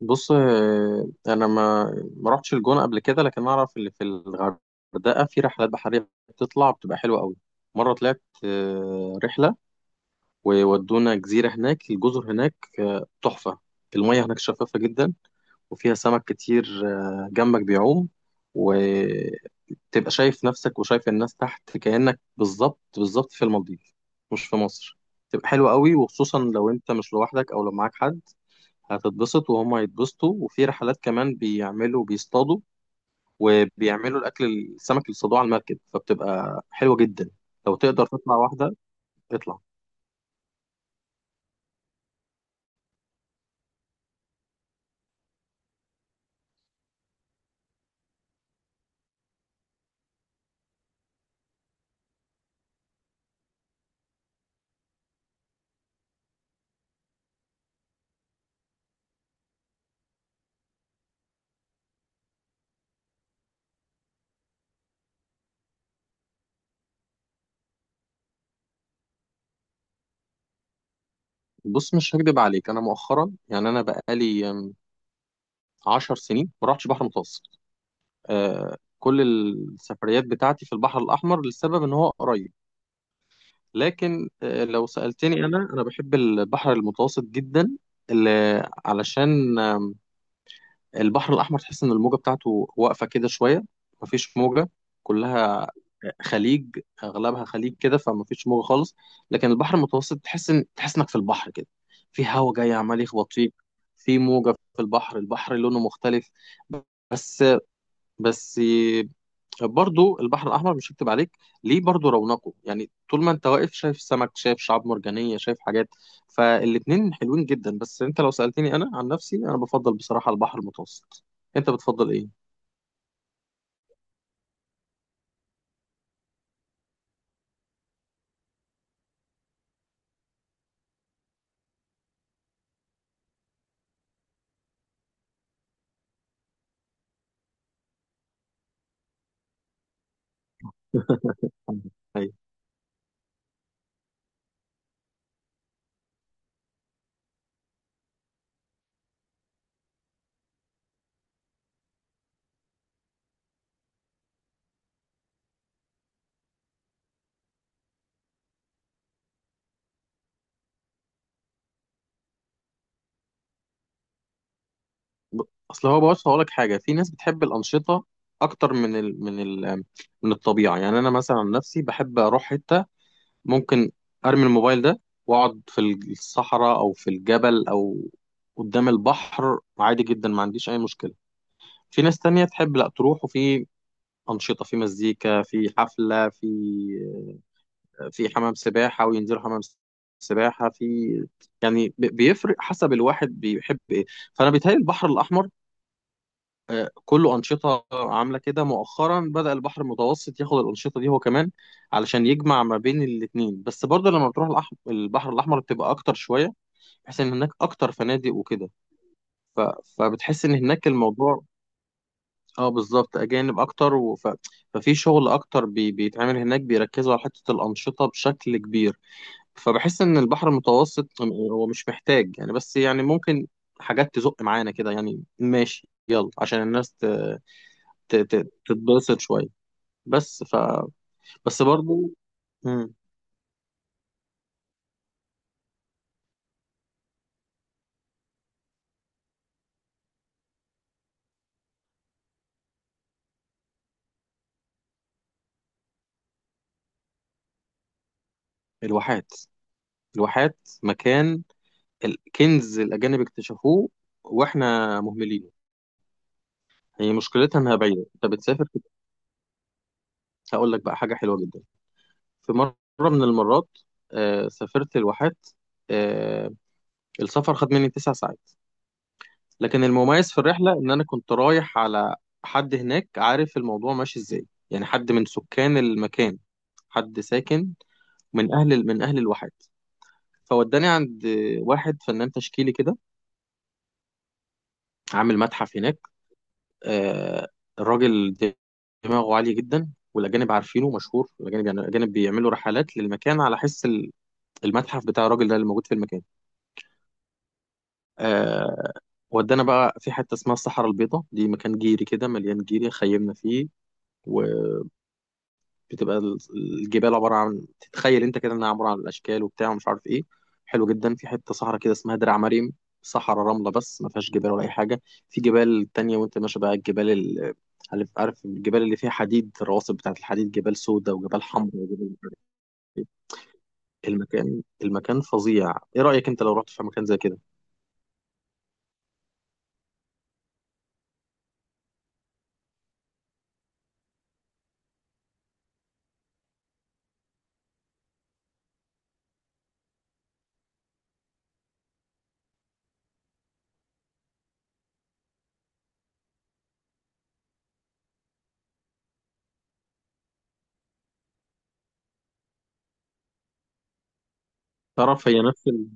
بص انا ما رحتش الجونه قبل كده، لكن اعرف اللي في الغردقه في رحلات بحريه بتطلع بتبقى حلوه قوي. مره طلعت رحله وودونا جزيره هناك. الجزر هناك تحفه. المياه هناك شفافه جدا، وفيها سمك كتير جنبك بيعوم. وتبقى شايف نفسك وشايف الناس تحت كأنك بالظبط بالظبط في المالديف، مش في مصر. تبقى حلوة قوي، وخصوصا لو انت مش لوحدك او لو معاك حد هتتبسط وهم هيتبسطوا. وفي رحلات كمان بيعملوا، بيصطادوا وبيعملوا الاكل، السمك اللي صادوه على المركب، فبتبقى حلوه جدا. لو تقدر تطلع واحده اطلع. بص، مش هكدب عليك، انا مؤخرا يعني انا بقالي 10 سنين ما رحتش بحر متوسط. كل السفريات بتاعتي في البحر الاحمر لسبب ان هو قريب. لكن لو سالتني انا انا بحب البحر المتوسط جدا. علشان البحر الأحمر تحس إن الموجة بتاعته واقفة كده شوية، مفيش موجة. كلها خليج، أغلبها خليج كده فمفيش موجة خالص. لكن البحر المتوسط تحس إنك في البحر كده، في هوا جاي عمال يخبط فيك، في موجة. في البحر، البحر لونه مختلف. بس بس برضو البحر الأحمر مش هكتب عليك ليه، برضو رونقه، يعني طول ما أنت واقف شايف سمك، شايف شعاب مرجانية، شايف حاجات. فالاتنين حلوين جدا، بس أنت لو سألتني أنا عن نفسي أنا بفضل بصراحة البحر المتوسط. أنت بتفضل إيه؟ أيوة. ب- أصل هو، بص هقولك حاجة، في ناس بتحب الأنشطة أكتر من الطبيعة. يعني أنا مثلا عن نفسي بحب أروح حتة ممكن ارمي الموبايل ده واقعد في الصحراء او في الجبل او قدام البحر، عادي جدا ما عنديش اي مشكله. في ناس تانية تحب لا، تروح وفي انشطه، في مزيكا، في حفله، في في حمام سباحه وينزلوا حمام سباحه في. يعني بيفرق حسب الواحد بيحب ايه. فانا بيتهيألي البحر الاحمر كله أنشطة عاملة كده. مؤخرا بدأ البحر المتوسط ياخد الأنشطة دي هو كمان علشان يجمع ما بين الاتنين، بس برضه لما بتروح البحر الأحمر بتبقى أكتر شوية، بحيث إن هناك أكتر فنادق وكده. ف... فبتحس إن هناك الموضوع، اه بالظبط أجانب أكتر. ففي شغل أكتر بيتعمل هناك، بيركزوا على حتة الأنشطة بشكل كبير. فبحس إن البحر المتوسط هو مش محتاج يعني، بس يعني ممكن حاجات تزق معانا كده يعني ماشي يلا عشان الناس تتبسط شوية. بس ف بس برضو. مم. الواحات. الواحات مكان الكنز، الأجانب اكتشفوه وإحنا مهملينه. هي مشكلتها إنها بعيدة. أنت بتسافر كده. هقول لك بقى حاجة حلوة جدا. في مرة من المرات سافرت الواحات. آه السفر خد مني 9 ساعات. لكن المميز في الرحلة إن أنا كنت رايح على حد هناك عارف الموضوع ماشي إزاي، يعني حد من سكان المكان، حد ساكن من أهل الواحات. فوداني عند واحد فنان تشكيلي كده عامل متحف هناك. آه، الراجل دماغه عالية جدا، والأجانب عارفينه مشهور، الأجانب يعني الأجانب بيعملوا رحلات للمكان على حس المتحف بتاع الراجل ده اللي موجود في المكان. آه، ودانا بقى في حتة اسمها الصحراء البيضاء، دي مكان جيري كده مليان جيري خيمنا فيه. و... بتبقى الجبال عباره عن، تتخيل انت كده انها عباره عن الاشكال وبتاع ومش عارف ايه. حلو جدا. في حته صحراء كده اسمها درع مريم، صحراء رمله بس ما فيهاش جبال ولا اي حاجه. في جبال تانية، وانت ماشي بقى عارف، الجبال اللي فيها حديد، الرواسب بتاعت الحديد، جبال سودا وجبال حمراء وجبال مش عارف ايه. المكان فظيع. ايه رايك انت لو رحت في مكان زي كده؟ تعرف، هي نفس ال...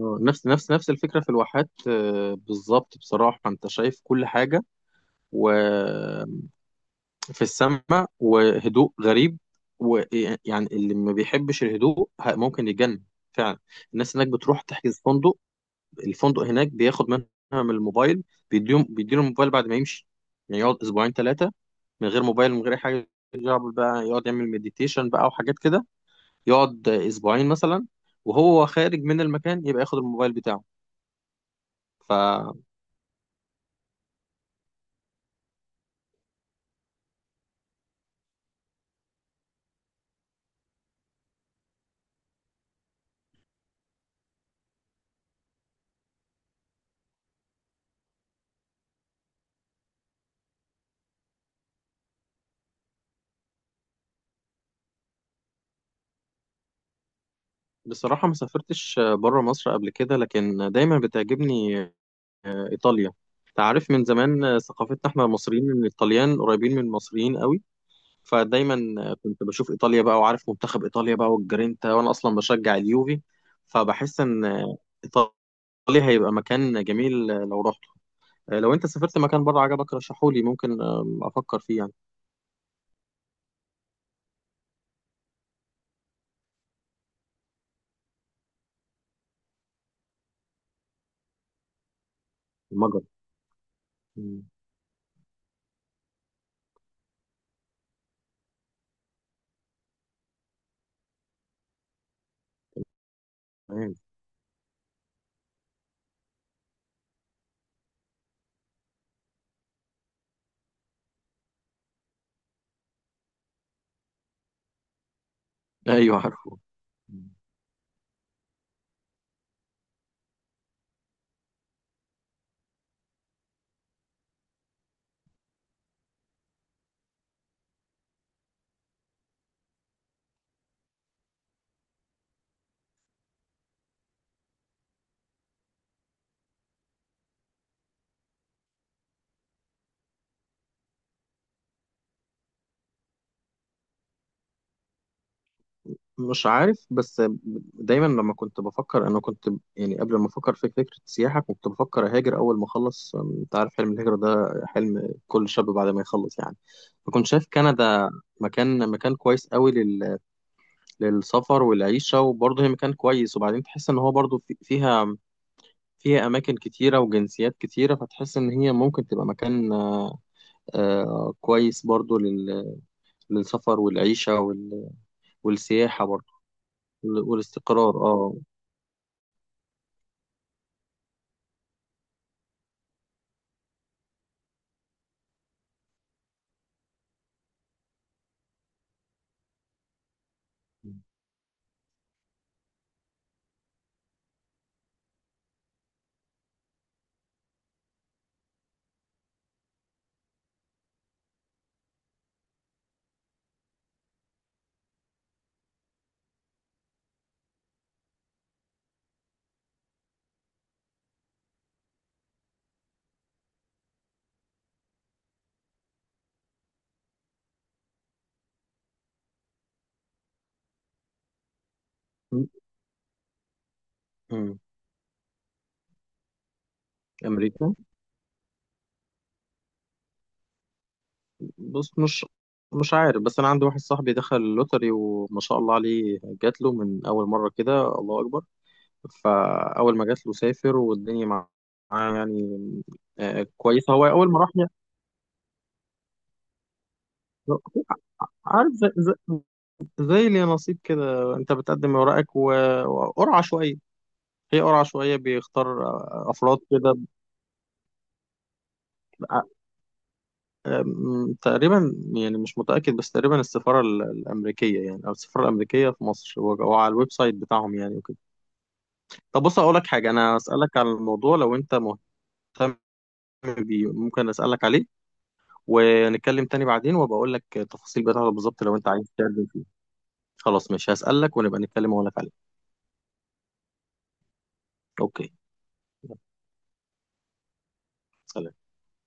آه، نفس نفس نفس الفكره في الواحات، بالظبط بصراحه. انت شايف كل حاجه و في السماء، وهدوء غريب. ويعني اللي ما بيحبش الهدوء ممكن يتجنن فعلا. الناس هناك بتروح تحجز فندق. الفندق هناك بياخد منها من الموبايل، بيديهم بيديله الموبايل بعد ما يمشي. يعني يقعد اسبوعين 3 من غير موبايل من غير أي حاجه، يقعد بقى يقعد يعمل مديتيشن بقى وحاجات كده. يقعد اسبوعين مثلا، وهو خارج من المكان يبقى ياخد الموبايل بتاعه. فبصراحة ما سافرتش بره مصر قبل كده، لكن دايما بتعجبني إيطاليا. أنت عارف من زمان ثقافتنا احنا المصريين ان الطليان قريبين من المصريين قوي. فدايما كنت بشوف إيطاليا بقى، وعارف منتخب إيطاليا بقى والجرينتا، وأنا أصلا بشجع اليوفي. فبحس إن إيطاليا هيبقى مكان جميل لو رحته. لو أنت سافرت مكان بره عجبك رشحولي، ممكن أفكر فيه يعني. المجر. مم. تمام. أيوه عارفه. مش عارف، بس دايما لما كنت بفكر انا كنت يعني قبل ما افكر في فكره السياحه كنت بفكر اهاجر اول ما اخلص. انت عارف حلم الهجره ده حلم كل شاب بعد ما يخلص يعني. فكنت شايف كندا مكان كويس قوي للسفر والعيشه. وبرضه هي مكان كويس، وبعدين تحس ان هو برضه في... فيها فيها اماكن كتيره وجنسيات كتيره، فتحس ان هي ممكن تبقى مكان كويس برضه للسفر والعيشه والسياحه برضه والاستقرار اه. امم. امريكا، بص مش عارف، بس انا عندي واحد صاحبي دخل اللوتري، وما شاء الله عليه جات له من اول مره كده، الله اكبر. فاول ما جات له سافر والدنيا معاه يعني. كويسه. هو اول ما راح يعني، عارف زي اللي نصيب كده. انت بتقدم اوراقك وقرعه شويه. هي قرعه شويه بيختار افراد كده. تقريبا يعني مش متأكد، بس تقريبا السفارة الأمريكية يعني، أو السفارة الأمريكية في مصر، أو على الويب سايت بتاعهم يعني وكده. طب بص أقول لك حاجة، أنا أسألك على الموضوع لو أنت مهتم بيه، ممكن أسألك عليه ونتكلم تاني بعدين وأبقى أقول لك التفاصيل بتاعته بالظبط، لو أنت عايز تتكلم فيه. خلاص ماشي، هسألك ونبقى نتكلم وأقول لك عليه. أوكي. يلا، سلام.